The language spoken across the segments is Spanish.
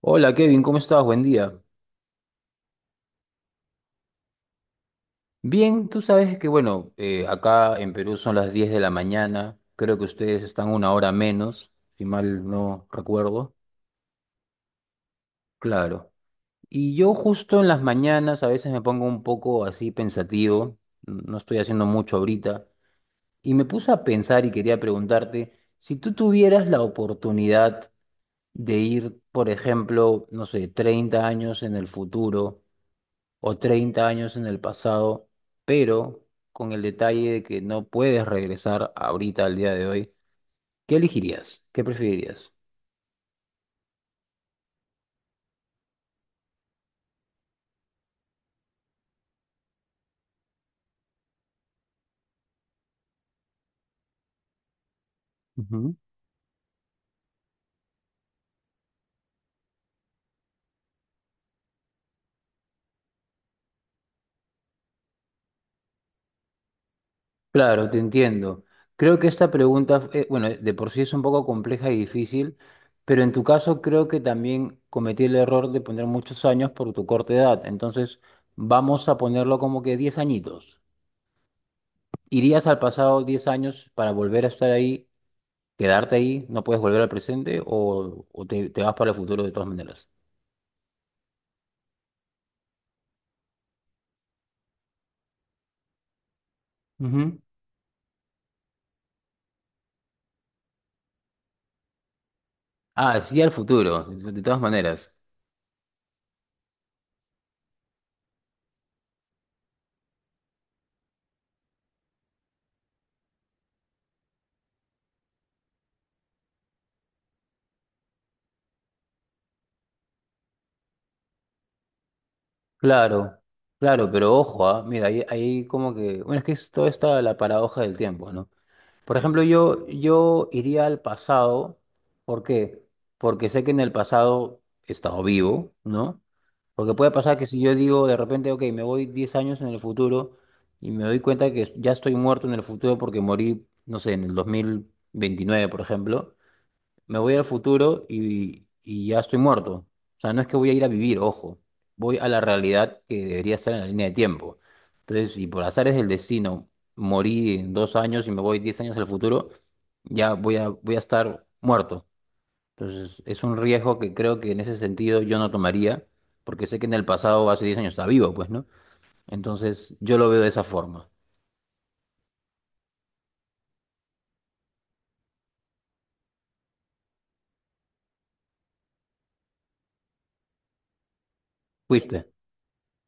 Hola Kevin, ¿cómo estás? Buen día. Bien, tú sabes que bueno, acá en Perú son las 10 de la mañana, creo que ustedes están una hora menos, si mal no recuerdo. Claro. Y yo justo en las mañanas a veces me pongo un poco así pensativo, no estoy haciendo mucho ahorita, y me puse a pensar y quería preguntarte, si tú tuvieras la oportunidad de ir, por ejemplo, no sé, 30 años en el futuro, o 30 años en el pasado, pero con el detalle de que no puedes regresar ahorita al día de hoy, ¿qué elegirías? ¿Qué preferirías? Ujú. Claro, te entiendo. Creo que esta pregunta, bueno, de por sí es un poco compleja y difícil, pero en tu caso creo que también cometí el error de poner muchos años por tu corta edad. Entonces, vamos a ponerlo como que 10 añitos. ¿Irías al pasado 10 años para volver a estar ahí quedarte ahí, no puedes volver al presente o te vas para el futuro de todas maneras? Ujú. Ah, sí, al futuro, de todas maneras. Claro, claro, pero ojo, ah, mira, ahí como que, bueno, es que es toda esta la paradoja del tiempo, ¿no? Por ejemplo, yo iría al pasado, ¿por qué? Porque sé que en el pasado he estado vivo, ¿no? Porque puede pasar que si yo digo de repente, ok, me voy 10 años en el futuro y me doy cuenta que ya estoy muerto en el futuro porque morí, no sé, en el 2029 por ejemplo, me voy al futuro y ya estoy muerto. O sea, no es que voy a ir a vivir, ojo. Voy a la realidad que debería estar en la línea de tiempo. Entonces, si por azares del destino morí en dos años y me voy diez años al futuro, ya voy a, voy a estar muerto. Entonces, es un riesgo que creo que en ese sentido yo no tomaría, porque sé que en el pasado, hace diez años, estaba vivo, pues, ¿no? Entonces, yo lo veo de esa forma. ¿Fuiste?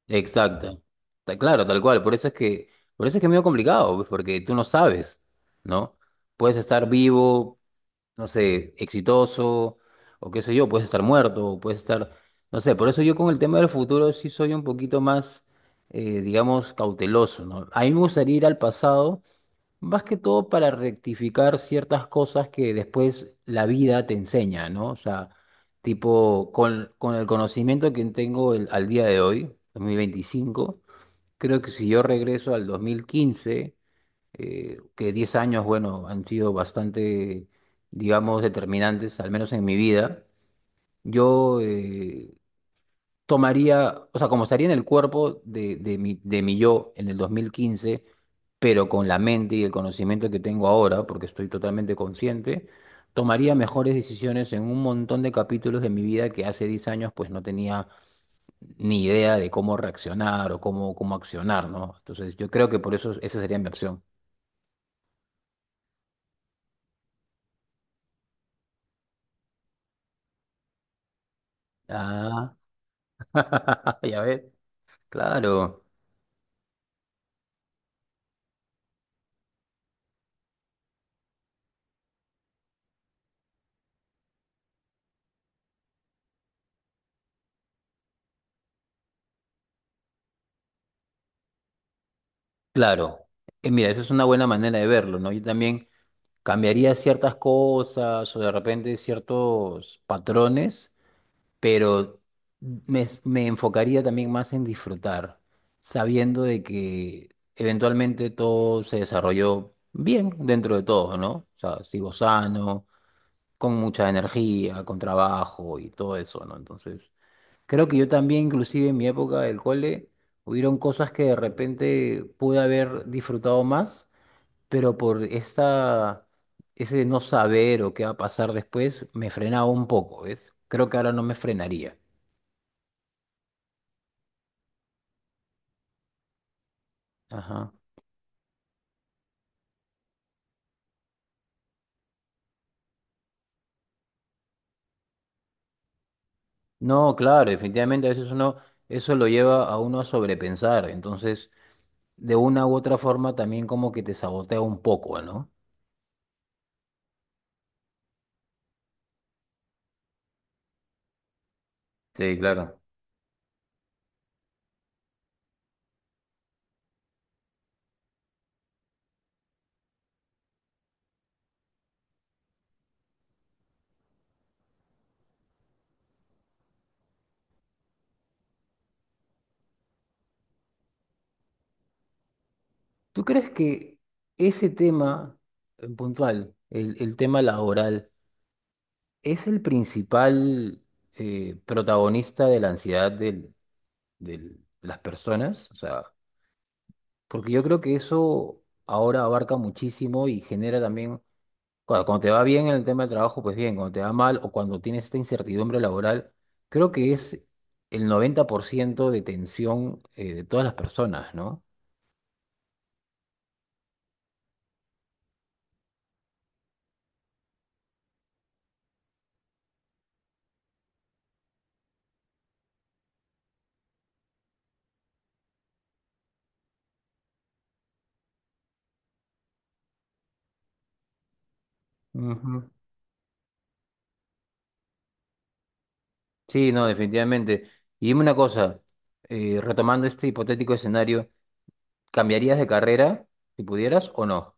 Exacto. Ta- Claro, tal cual. Por eso es que es medio complicado, pues, porque tú no sabes, ¿no? Puedes estar vivo, no sé, exitoso, o qué sé yo, puedes estar muerto, o puedes estar, no sé, por eso yo con el tema del futuro sí soy un poquito más, digamos, cauteloso, ¿no? A mí me gustaría ir al pasado más que todo para rectificar ciertas cosas que después la vida te enseña, ¿no? O sea, tipo, con el conocimiento que tengo al día de hoy, 2025, creo que si yo regreso al 2015, que 10 años, bueno, han sido bastante, digamos, determinantes, al menos en mi vida, yo, tomaría, o sea, como estaría en el cuerpo de, de mi yo en el 2015, pero con la mente y el conocimiento que tengo ahora, porque estoy totalmente consciente, tomaría mejores decisiones en un montón de capítulos de mi vida que hace 10 años pues no tenía ni idea de cómo reaccionar o cómo, cómo accionar, ¿no? Entonces yo creo que por eso esa sería mi opción. Ah, ya ves, claro, claro. Mira, esa es una buena manera de verlo, ¿no? Yo también cambiaría ciertas cosas o de repente ciertos patrones, pero me enfocaría también más en disfrutar, sabiendo de que eventualmente todo se desarrolló bien dentro de todo, ¿no? O sea, sigo sano, con mucha energía, con trabajo y todo eso, ¿no? Entonces, creo que yo también, inclusive en mi época del cole, hubieron cosas que de repente pude haber disfrutado más pero por esta, ese no saber o qué va a pasar después, me frenaba un poco, ¿ves? Creo que ahora no me frenaría. Ajá. No, claro, definitivamente a veces uno, eso lo lleva a uno a sobrepensar, entonces de una u otra forma también como que te sabotea un poco, ¿no? Sí, claro. ¿Tú crees que ese tema en puntual, el tema laboral, es el principal protagonista de la ansiedad del- de las personas? O sea, porque yo creo que eso ahora abarca muchísimo y genera también, cuando te va bien en el tema del trabajo, pues bien, cuando te va mal o cuando tienes esta incertidumbre laboral, creo que es el 90% de tensión de todas las personas, ¿no? Ujú. Sí, no, definitivamente. Y dime una cosa, retomando este hipotético escenario, ¿cambiarías de carrera si pudieras o no?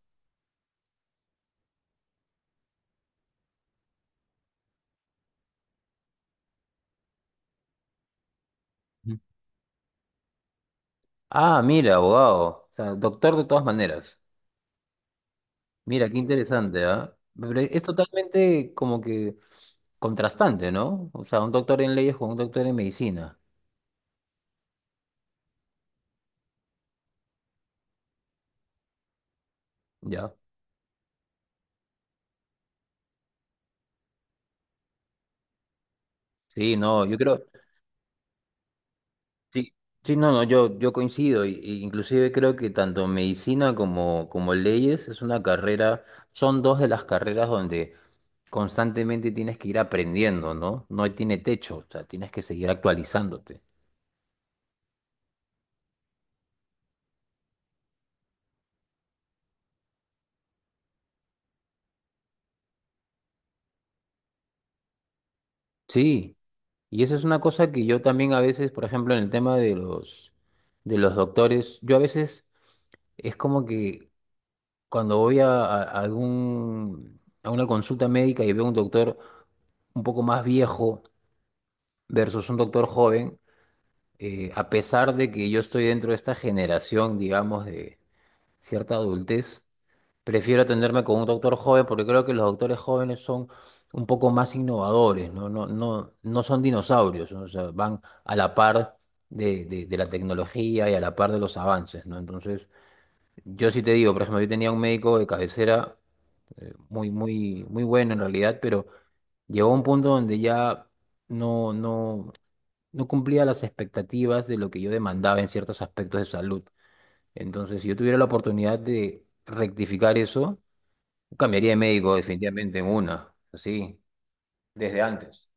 Ujú. Ah, mira, abogado, o sea, doctor de todas maneras. Mira, qué interesante, ¿ah? Pero es totalmente como que contrastante, ¿no? O sea, un doctor en leyes con un doctor en medicina, ¿ya? Sí, no, yo creo, sí, sí, no, no, yo coincido, y inclusive creo que tanto medicina como, como leyes es una carrera, son dos de las carreras donde constantemente tienes que ir aprendiendo, ¿no? No tiene techo, o sea, tienes que seguir actualizándote. Sí. Y esa es una cosa que yo también a veces, por ejemplo, en el tema de los doctores, yo a veces es como que cuando voy a, a algún, a una consulta médica y veo un doctor un poco más viejo versus un doctor joven, a pesar de que yo estoy dentro de esta generación, digamos, de cierta adultez, prefiero atenderme con un doctor joven porque creo que los doctores jóvenes son un poco más innovadores, no son dinosaurios, ¿no? O sea, van a la par de, de la tecnología y a la par de los avances, ¿no? Entonces, yo sí te digo, por ejemplo, yo tenía un médico de cabecera muy, muy, muy bueno en realidad, pero llegó a un punto donde ya no, no, no cumplía las expectativas de lo que yo demandaba en ciertos aspectos de salud. Entonces, si yo tuviera la oportunidad de rectificar eso, cambiaría de médico definitivamente en una, sí, desde antes.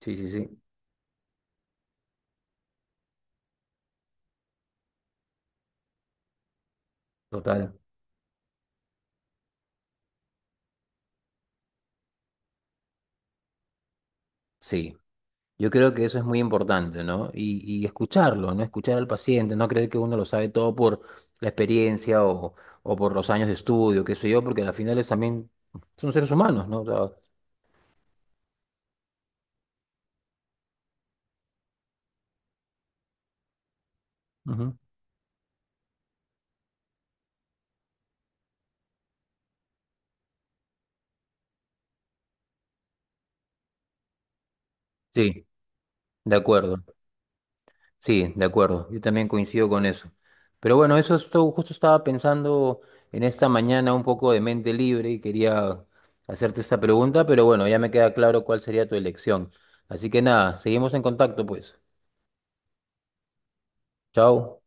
Sí, sí, sí, total. Sí, yo creo que eso es muy importante, ¿no? Y escucharlo, ¿no? Escuchar al paciente, no creer que uno lo sabe todo por la experiencia o por los años de estudio, qué sé yo, porque al final es también son seres humanos, ¿no? O sea, ujú. Sí, de acuerdo. Sí, de acuerdo, yo también coincido con eso. Pero bueno, justo estaba pensando en esta mañana un poco de mente libre y quería hacerte esta pregunta, pero bueno, ya me queda claro cuál sería tu elección. Así que nada, seguimos en contacto pues. Chao.